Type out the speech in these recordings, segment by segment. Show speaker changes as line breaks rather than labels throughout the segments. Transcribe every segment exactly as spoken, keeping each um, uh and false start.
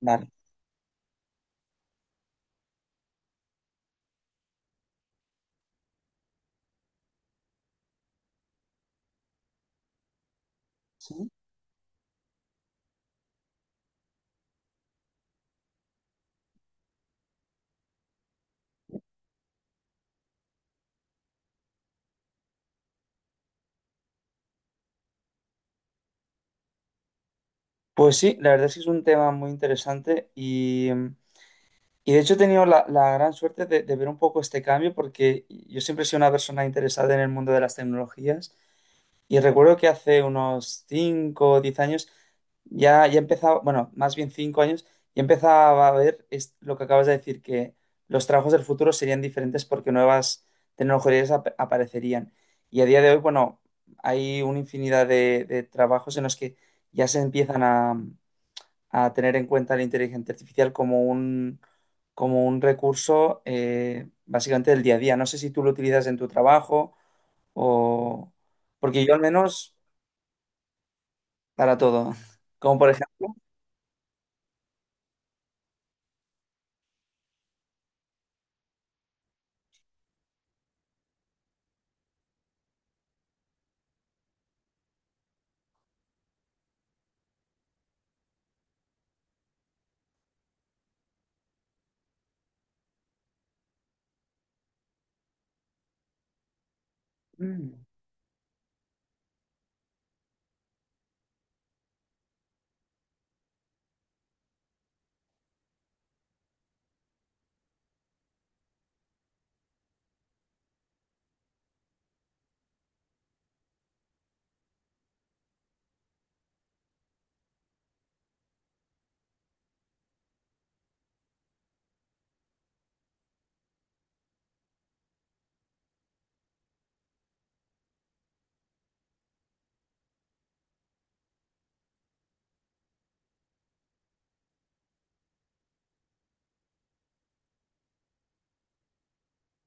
Vale. Sí. Pues sí, la verdad es que es un tema muy interesante y, mm, y de hecho he tenido la, la gran suerte de, de ver un poco este cambio porque yo siempre he sido una persona interesada en el mundo de las tecnologías. Y recuerdo que hace unos cinco o diez años ya, ya empezaba, bueno, más bien cinco años, ya empezaba a ver es- lo que acabas de decir, que los trabajos del futuro serían diferentes porque nuevas tecnologías ap- aparecerían. Y a día de hoy, bueno, hay una infinidad de, de trabajos en los que ya se empiezan a, a tener en cuenta la inteligencia artificial como un, como un recurso eh, básicamente del día a día. No sé si tú lo utilizas en tu trabajo o... Porque yo al menos para todo. Como por ejemplo, mm,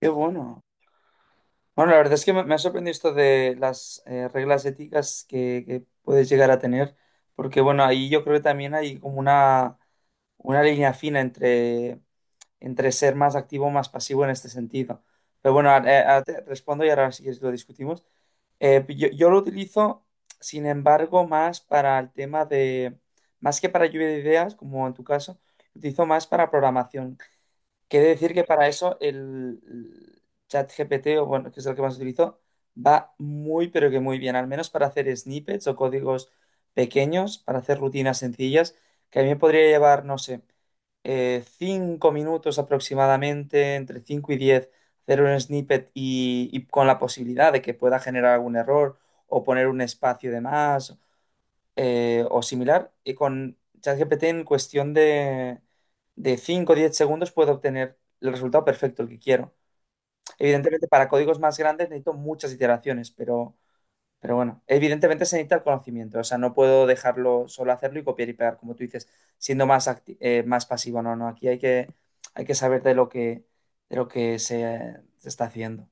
qué bueno. Bueno, la verdad es que me, me ha sorprendido esto de las eh, reglas éticas que, que puedes llegar a tener, porque bueno, ahí yo creo que también hay como una, una línea fina entre, entre ser más activo o más pasivo en este sentido. Pero bueno, ahora- eh, ahora te respondo y ahora sí que lo discutimos. Eh, pues yo, yo lo utilizo, sin embargo, más para el tema de, más que para lluvia de ideas, como en tu caso, lo utilizo más para programación. Quiere decir que para eso el ChatGPT, o bueno, que es el que más utilizo, va muy, pero que muy bien, al menos para hacer snippets o códigos pequeños, para hacer rutinas sencillas, que a mí me podría llevar, no sé, eh, cinco minutos aproximadamente, entre cinco y diez, hacer un snippet y, y con la posibilidad de que pueda generar algún error o poner un espacio de más eh, o similar, y con ChatGPT en cuestión de, de cinco o diez segundos puedo obtener el resultado perfecto, el que quiero. Evidentemente, para códigos más grandes necesito muchas iteraciones, pero, pero bueno, evidentemente se necesita el conocimiento, o sea, no puedo dejarlo solo hacerlo y copiar y pegar, como tú dices, siendo más, acti- eh, más pasivo, no, no, aquí hay que, hay que saber de lo que, de lo que se, se está haciendo.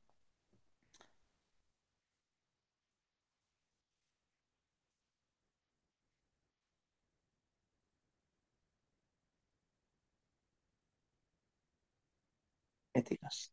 Éticas.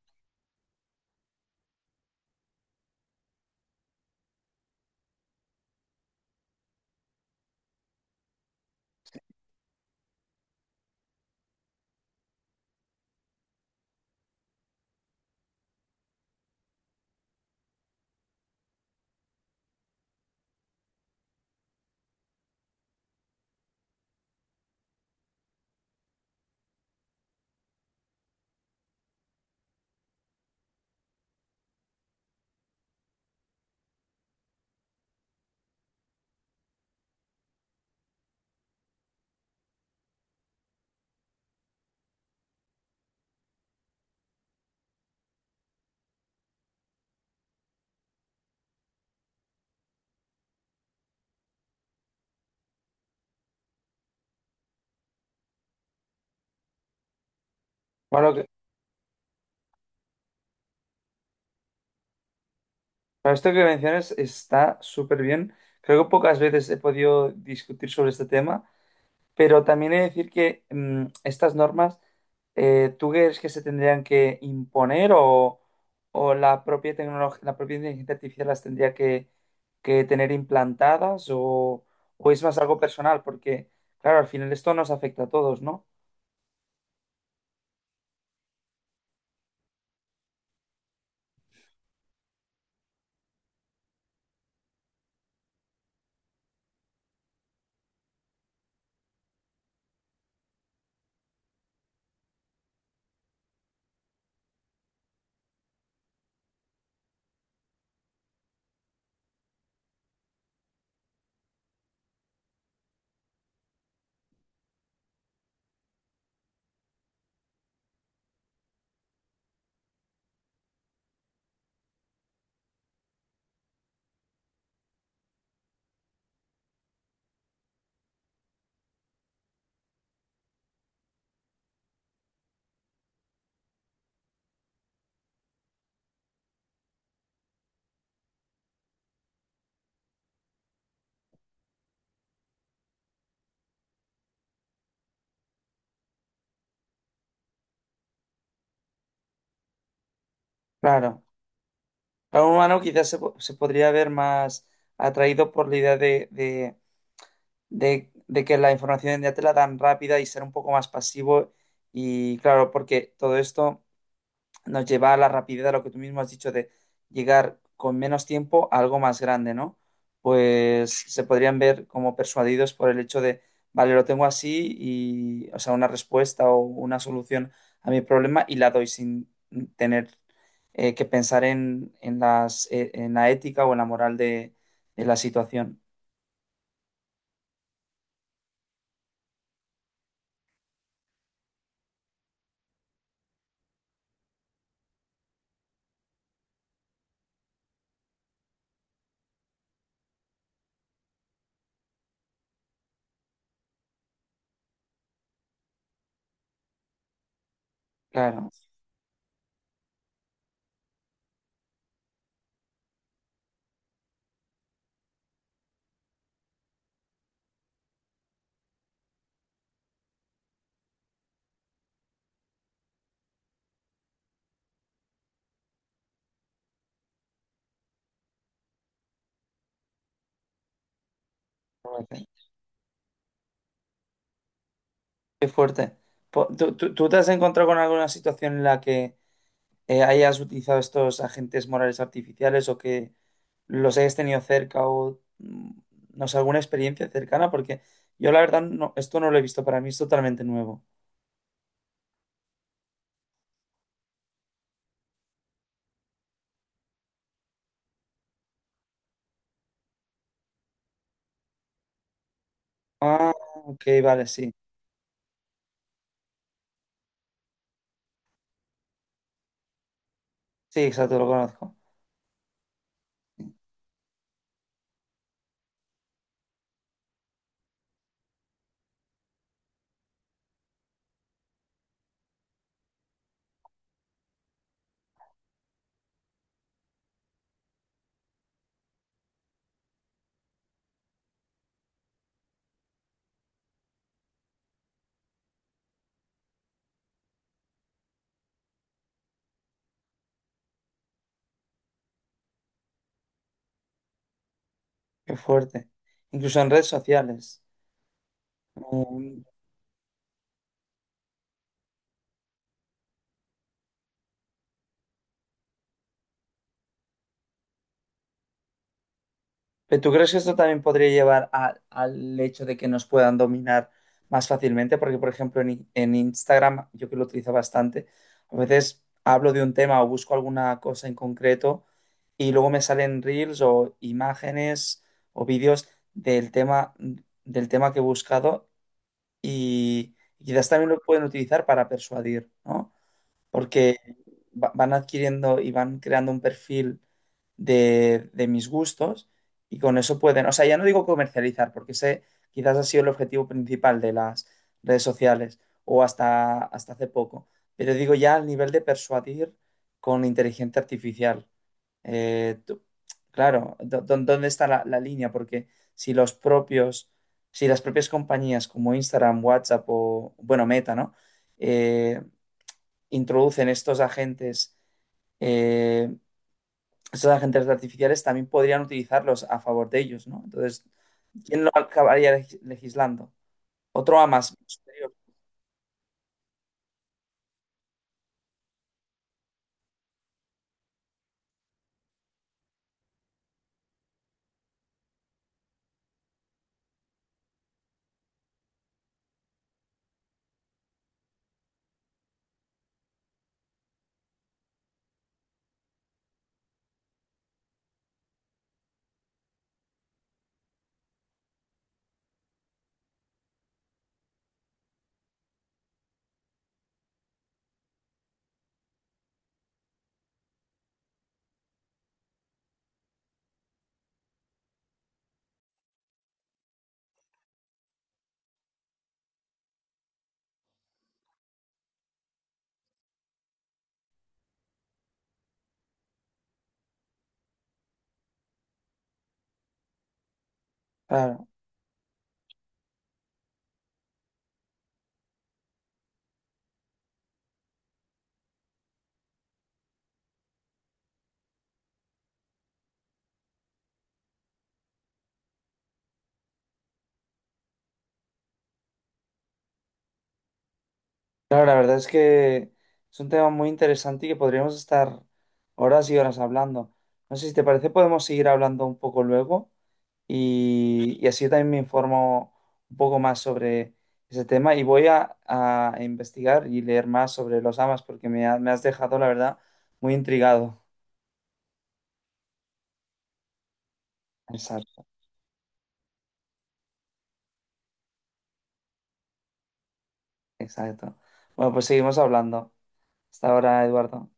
Bueno, para esto que mencionas está súper bien. Creo que pocas veces he podido discutir sobre este tema, pero también he de decir que mm, estas normas, eh, ¿tú crees que se tendrían que imponer o, o la propia tecnología, la propia inteligencia artificial las tendría que, que tener implantadas o, o es más algo personal? Porque, claro, al final esto nos afecta a todos, ¿no? Claro. Para un humano quizás se, po- se podría ver más atraído por la idea de, de de, de que la información ya te la dan rápida y ser un poco más pasivo. Y claro, porque todo esto nos lleva a la rapidez, a lo que tú mismo has dicho, de llegar con menos tiempo a algo más grande, ¿no? Pues se podrían ver como persuadidos por el hecho de, vale, lo tengo así y, o sea, una respuesta o una solución a mi problema y la doy sin tener eh, que pensar en, en las, eh, en la ética o en la moral de, de la situación. Claro. Qué fuerte. Po- ¿Tú, tú- tú te has encontrado con alguna situación en la que eh, hayas utilizado estos agentes morales artificiales o que los hayas tenido cerca o mm, no sé, alguna experiencia cercana? Porque yo la verdad no, esto no lo he visto, para mí es totalmente nuevo. Ah, ok, vale, sí. Sí, exacto, lo conozco. Qué fuerte. Incluso en redes sociales. Mm, ¿pero tú crees que esto también podría llevar a- al hecho de que nos puedan dominar más fácilmente? Porque, por ejemplo, en, I- en Instagram, yo que lo utilizo bastante, a veces hablo de un tema o busco alguna cosa en concreto y luego me salen reels o imágenes o vídeos del tema, del tema que he buscado y quizás también lo pueden utilizar para persuadir, ¿no? Porque va- van adquiriendo y van creando un perfil de, de mis gustos y con eso pueden, o sea, ya no digo comercializar, porque ese quizás ha sido el objetivo principal de las redes sociales o hasta, hasta hace poco, pero digo ya al nivel de persuadir con inteligencia artificial. Eh, tú- claro, do- do- ¿dónde está la, la línea? Porque si los propios, si las propias compañías como Instagram, WhatsApp o, bueno, Meta, ¿no? Eh, Introducen estos agentes, eh, estos agentes artificiales, también podrían utilizarlos a favor de ellos, ¿no? Entonces, ¿quién lo acabaría leg- legislando? Otro a más posterior. Claro, claro, la verdad es que es un tema muy interesante y que podríamos estar horas y horas hablando. No sé si te parece, podemos seguir hablando un poco luego. y, y así yo también me informo un poco más sobre ese tema y voy a, a investigar y leer más sobre los amas porque me, ha- me has dejado, la verdad, muy intrigado. Exacto, exacto. Bueno, pues seguimos hablando. Hasta ahora, Eduardo.